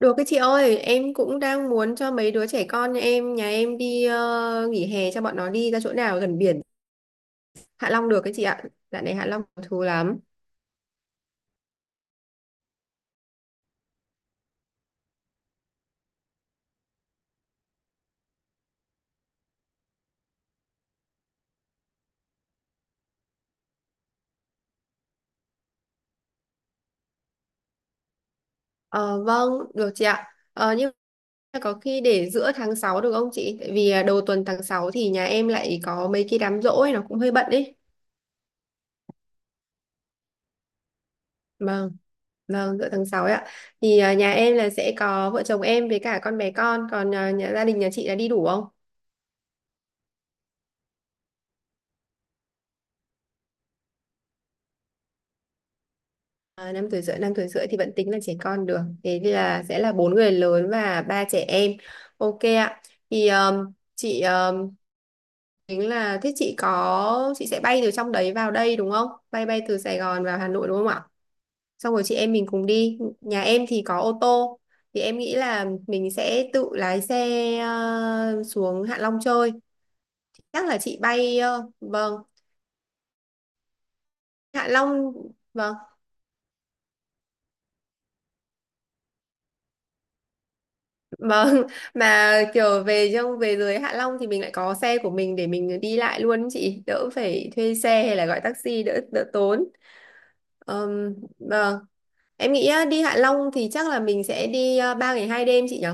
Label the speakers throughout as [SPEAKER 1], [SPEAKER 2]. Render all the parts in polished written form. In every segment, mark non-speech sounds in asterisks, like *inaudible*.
[SPEAKER 1] Được cái chị ơi, em cũng đang muốn cho mấy đứa trẻ con nhà em đi nghỉ hè cho bọn nó đi ra chỗ nào gần biển. Hạ Long được cái chị ạ. Dạo này Hạ Long có thú lắm. Ờ, vâng, được chị ạ. Ờ, nhưng mà có khi để giữa tháng 6 được không chị? Tại vì đầu tuần tháng 6 thì nhà em lại có mấy cái đám giỗ ấy, nó cũng hơi bận ấy. Vâng, vâng, giữa tháng 6 ấy ạ. Thì nhà em là sẽ có vợ chồng em với cả con bé con, còn gia đình nhà chị đã đi đủ không? 5 tuổi rưỡi, 5 tuổi rưỡi thì vẫn tính là trẻ con được. Thế thì là sẽ là 4 người lớn và 3 trẻ em. Ok ạ. Thì chị tính là thế chị sẽ bay từ trong đấy vào đây đúng không? Bay bay từ Sài Gòn vào Hà Nội đúng không ạ? Xong rồi chị em mình cùng đi. Nhà em thì có ô tô. Thì em nghĩ là mình sẽ tự lái xe xuống Hạ Long chơi. Chắc là chị bay vâng, Hạ Long. Vâng. Vâng, *laughs* mà kiểu về dưới Hạ Long thì mình lại có xe của mình để mình đi lại luôn ý chị, đỡ phải thuê xe hay là gọi taxi đỡ đỡ tốn. Vâng, em nghĩ á, đi Hạ Long thì chắc là mình sẽ đi 3 ngày 2 đêm chị nhỉ?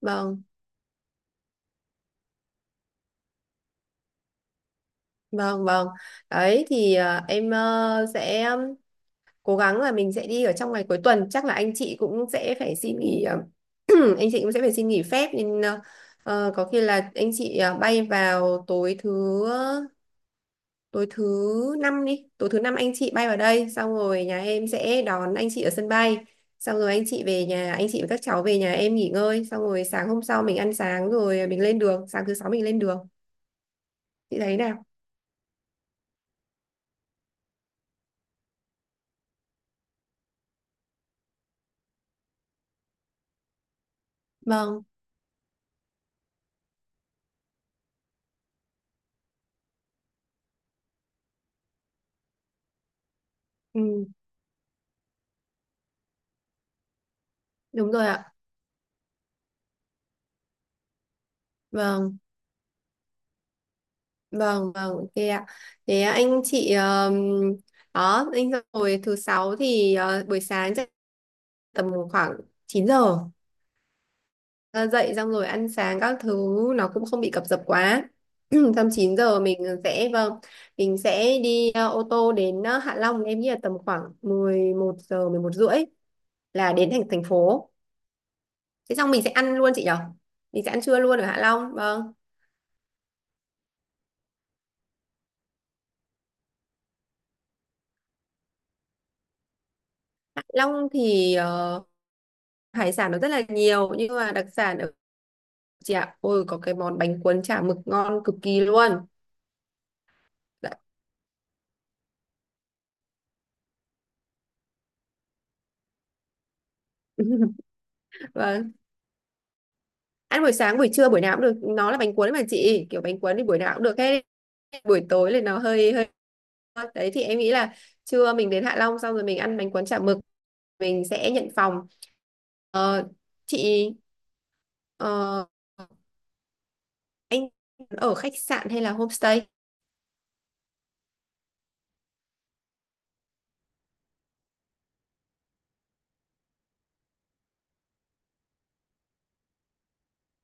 [SPEAKER 1] Vâng, vâng, vâng. Đấy thì em sẽ cố gắng là mình sẽ đi ở trong ngày cuối tuần, chắc là anh chị cũng sẽ phải xin nghỉ *clears throat* anh chị cũng sẽ phải xin nghỉ phép nên có khi là anh chị bay vào tối thứ tối thứ năm anh chị bay vào đây xong rồi nhà em sẽ đón anh chị ở sân bay xong rồi anh chị về nhà anh chị và các cháu về nhà em nghỉ ngơi, xong rồi sáng hôm sau mình ăn sáng rồi mình lên đường, sáng thứ sáu mình lên đường. Chị thấy nào? Vâng. Ừ, đúng rồi ạ. Vâng, vâng, vâng, ok ạ. Thế anh chị đó anh, rồi thứ sáu thì buổi sáng chắc tầm khoảng 9 giờ. Ờ, Dậy xong rồi ăn sáng các thứ, nó cũng không bị cập dập quá. *clears throat* Xong 9 giờ mình sẽ, vâng, mình sẽ đi ô tô đến Hạ Long, em nghĩ là tầm khoảng 11 giờ 11 rưỡi là đến thành thành phố. Thế xong mình sẽ ăn luôn chị nhở? Mình sẽ ăn trưa luôn ở Hạ Long. Vâng. Hạ Long thì hải sản nó rất là nhiều, nhưng mà đặc sản ở chị ạ, ôi có cái món bánh cuốn chả mực ngon cực kỳ luôn. Dạ. *laughs* Vâng, ăn buổi sáng buổi trưa buổi nào cũng được, nó là bánh cuốn mà chị, kiểu bánh cuốn thì buổi nào cũng được hết. Buổi tối thì nó hơi hơi. Đấy thì em nghĩ là trưa mình đến Hạ Long xong rồi mình ăn bánh cuốn chả mực, mình sẽ nhận phòng. Ờ, chị, ờ, anh ở khách sạn hay là homestay?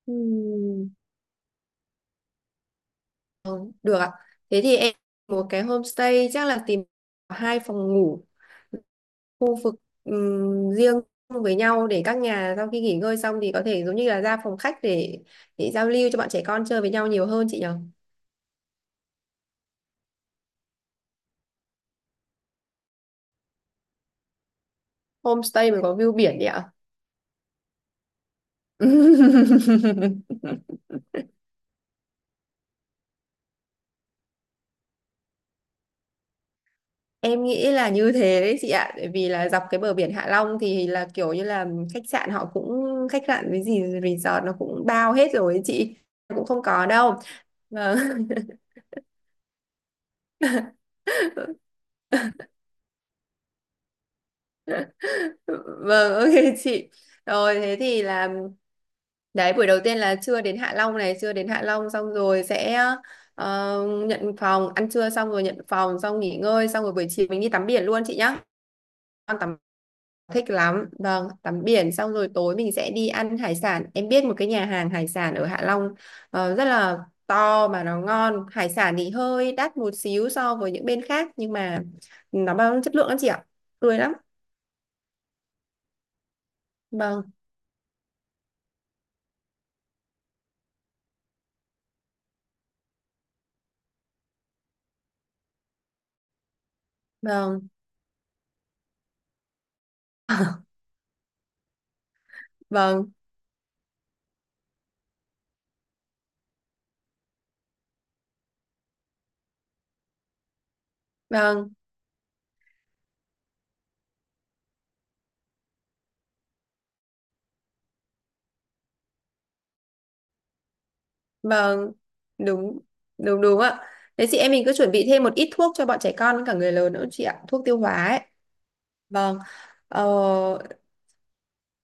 [SPEAKER 1] Ừm, Được ạ, thế thì em một cái homestay chắc là tìm 2 phòng ngủ khu vực riêng với nhau để các nhà sau khi nghỉ ngơi xong thì có thể giống như là ra phòng khách để giao lưu cho bọn trẻ con chơi với nhau nhiều hơn chị nhở? Homestay mà có view biển đấy ạ? *laughs* Em nghĩ là như thế đấy chị ạ, bởi vì là dọc cái bờ biển Hạ Long thì là kiểu như là khách sạn họ cũng khách sạn với gì resort nó cũng bao hết rồi ấy chị, cũng không có đâu. Vâng. *laughs* Vâng. *laughs* Ok chị, rồi thế thì là đấy, buổi đầu tiên là chưa đến Hạ Long này chưa đến Hạ Long, xong rồi sẽ ờ, nhận phòng, ăn trưa xong rồi nhận phòng xong nghỉ ngơi, xong rồi buổi chiều mình đi tắm biển luôn chị nhá. Con tắm thích lắm. Vâng, tắm biển xong rồi tối mình sẽ đi ăn hải sản, em biết một cái nhà hàng hải sản ở Hạ Long rất là to mà nó ngon, hải sản thì hơi đắt một xíu so với những bên khác nhưng mà nó bao chất lượng lắm chị ạ, tươi lắm. Vâng, vâng. *laughs* Vâng, vâng, vâng, đúng đúng đúng ạ. Thế chị em mình cứ chuẩn bị thêm một ít thuốc cho bọn trẻ con với cả người lớn nữa chị ạ, thuốc tiêu hóa ấy. Vâng. ờ,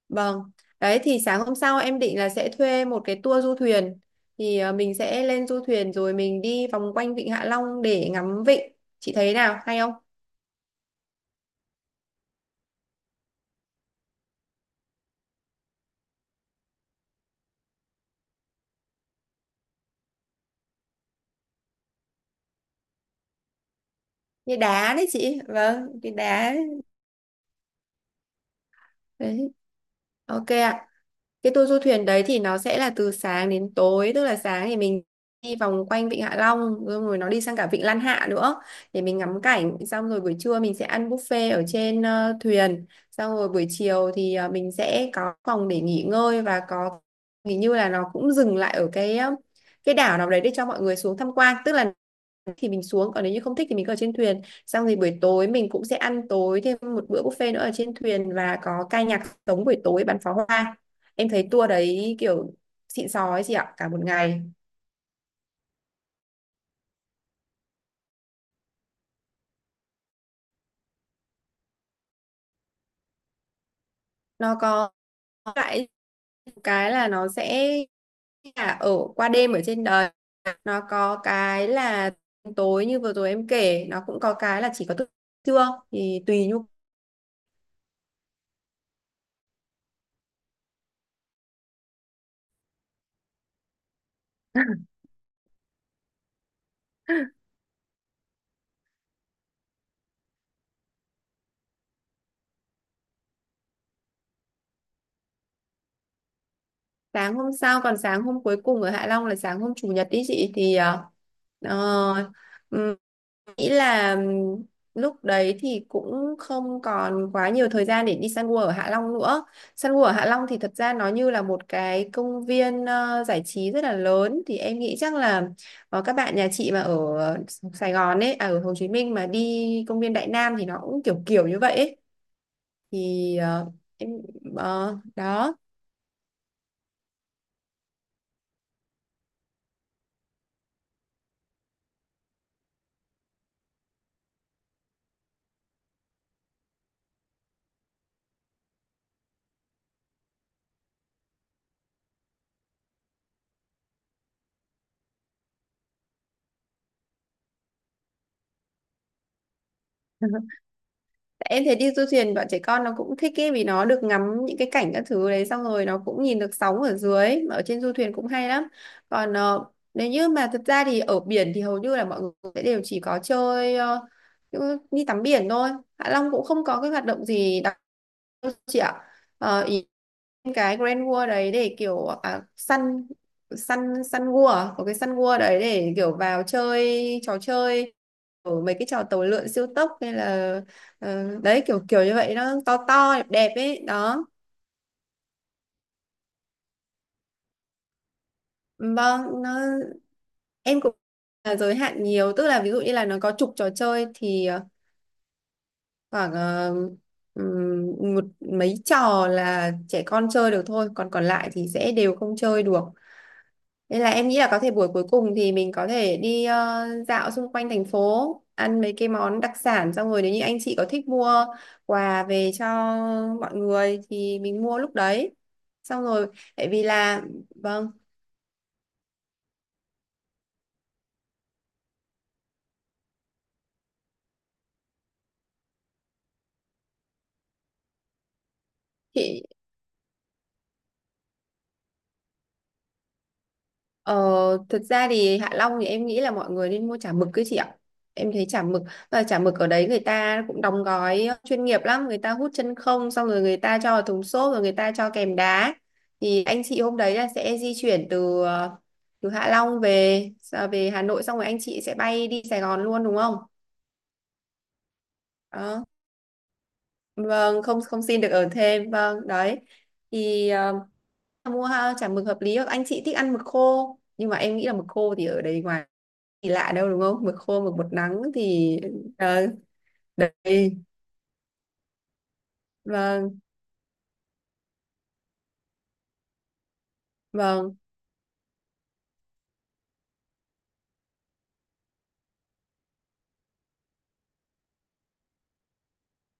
[SPEAKER 1] vâng. Đấy thì sáng hôm sau em định là sẽ thuê một cái tour du thuyền, thì mình sẽ lên du thuyền rồi mình đi vòng quanh vịnh Hạ Long để ngắm vịnh. Chị thấy nào, hay không? Như đá đấy chị, vâng, cái đá ấy. Đấy, ok ạ. Cái tour du thuyền đấy thì nó sẽ là từ sáng đến tối, tức là sáng thì mình đi vòng quanh Vịnh Hạ Long, xong rồi nó đi sang cả Vịnh Lan Hạ nữa để mình ngắm cảnh, xong rồi buổi trưa mình sẽ ăn buffet ở trên thuyền, xong rồi buổi chiều thì mình sẽ có phòng để nghỉ ngơi, và có hình như là nó cũng dừng lại ở cái cái đảo nào đấy để cho mọi người xuống tham quan, tức là thì mình xuống, còn nếu như không thích thì mình cứ ở trên thuyền, xong thì buổi tối mình cũng sẽ ăn tối thêm một bữa buffet nữa ở trên thuyền, và có ca nhạc sống buổi tối, bắn pháo hoa. Em thấy tour đấy kiểu xịn sò ấy chị ạ, cả một ngày. Nó có lại cái là nó sẽ là ở qua đêm ở trên đời. Nó có cái là tối như vừa rồi em kể, nó cũng có cái là chỉ có thức trưa, thì tùy nhu. *laughs* Sáng hôm sau, còn sáng hôm cuối cùng ở Hạ Long là sáng hôm chủ nhật ý chị, thì uh, nghĩ là lúc đấy thì cũng không còn quá nhiều thời gian để đi săn gua ở Hạ Long nữa. Săn gua ở Hạ Long thì thật ra nó như là một cái công viên giải trí rất là lớn, thì em nghĩ chắc là các bạn nhà chị mà ở Sài Gòn ấy, ở Hồ Chí Minh mà đi công viên Đại Nam thì nó cũng kiểu kiểu như vậy ấy. Thì em đó. Em thấy đi du thuyền bọn trẻ con nó cũng thích ý, vì nó được ngắm những cái cảnh các thứ đấy, xong rồi nó cũng nhìn được sóng ở dưới mà ở trên du thuyền cũng hay lắm. Còn nếu như mà thật ra thì ở biển thì hầu như là mọi người sẽ đều chỉ có chơi đi tắm biển thôi. Hạ Long cũng không có cái hoạt động gì đặc biệt đâu chị ạ. Ý cái Grand World đấy để kiểu Sun Sun Sun World à? Có cái Sun World đấy để kiểu vào chơi trò chơi, ở mấy cái trò tàu lượn siêu tốc hay là đấy, kiểu kiểu như vậy, nó to to đẹp đẹp ấy đó. Vâng, nó em cũng là giới hạn nhiều, tức là ví dụ như là nó có chục trò chơi thì khoảng ừm, một mấy trò là trẻ con chơi được thôi, còn còn lại thì sẽ đều không chơi được. Nên là em nghĩ là có thể buổi cuối cùng thì mình có thể đi dạo xung quanh thành phố, ăn mấy cái món đặc sản, xong rồi nếu như anh chị có thích mua quà về cho mọi người thì mình mua lúc đấy. Xong rồi tại vì là, vâng, chị. Ờ, Thực ra thì Hạ Long thì em nghĩ là mọi người nên mua chả mực cái chị ạ. Em thấy chả mực ở đấy người ta cũng đóng gói chuyên nghiệp lắm, người ta hút chân không xong rồi người ta cho vào thùng xốp rồi người ta cho kèm đá. Thì anh chị hôm đấy là sẽ di chuyển từ Hạ Long về Hà Nội xong rồi anh chị sẽ bay đi Sài Gòn luôn đúng không? Đó. Vâng, không không xin được ở thêm. Vâng, đấy. Thì mua ha, chả mực hợp lý. Anh chị thích ăn mực khô, nhưng mà em nghĩ là mực khô thì ở đấy ngoài gì lạ đâu đúng không? Mực khô, mực bột nắng thì ờ, đấy. Vâng, vâng,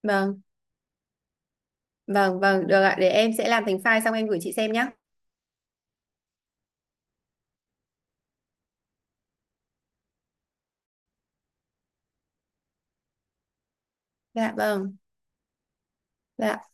[SPEAKER 1] vâng, vâng, vâng, được ạ, để em sẽ làm thành file xong em gửi chị xem nhé. Dạ vâng. Dạ.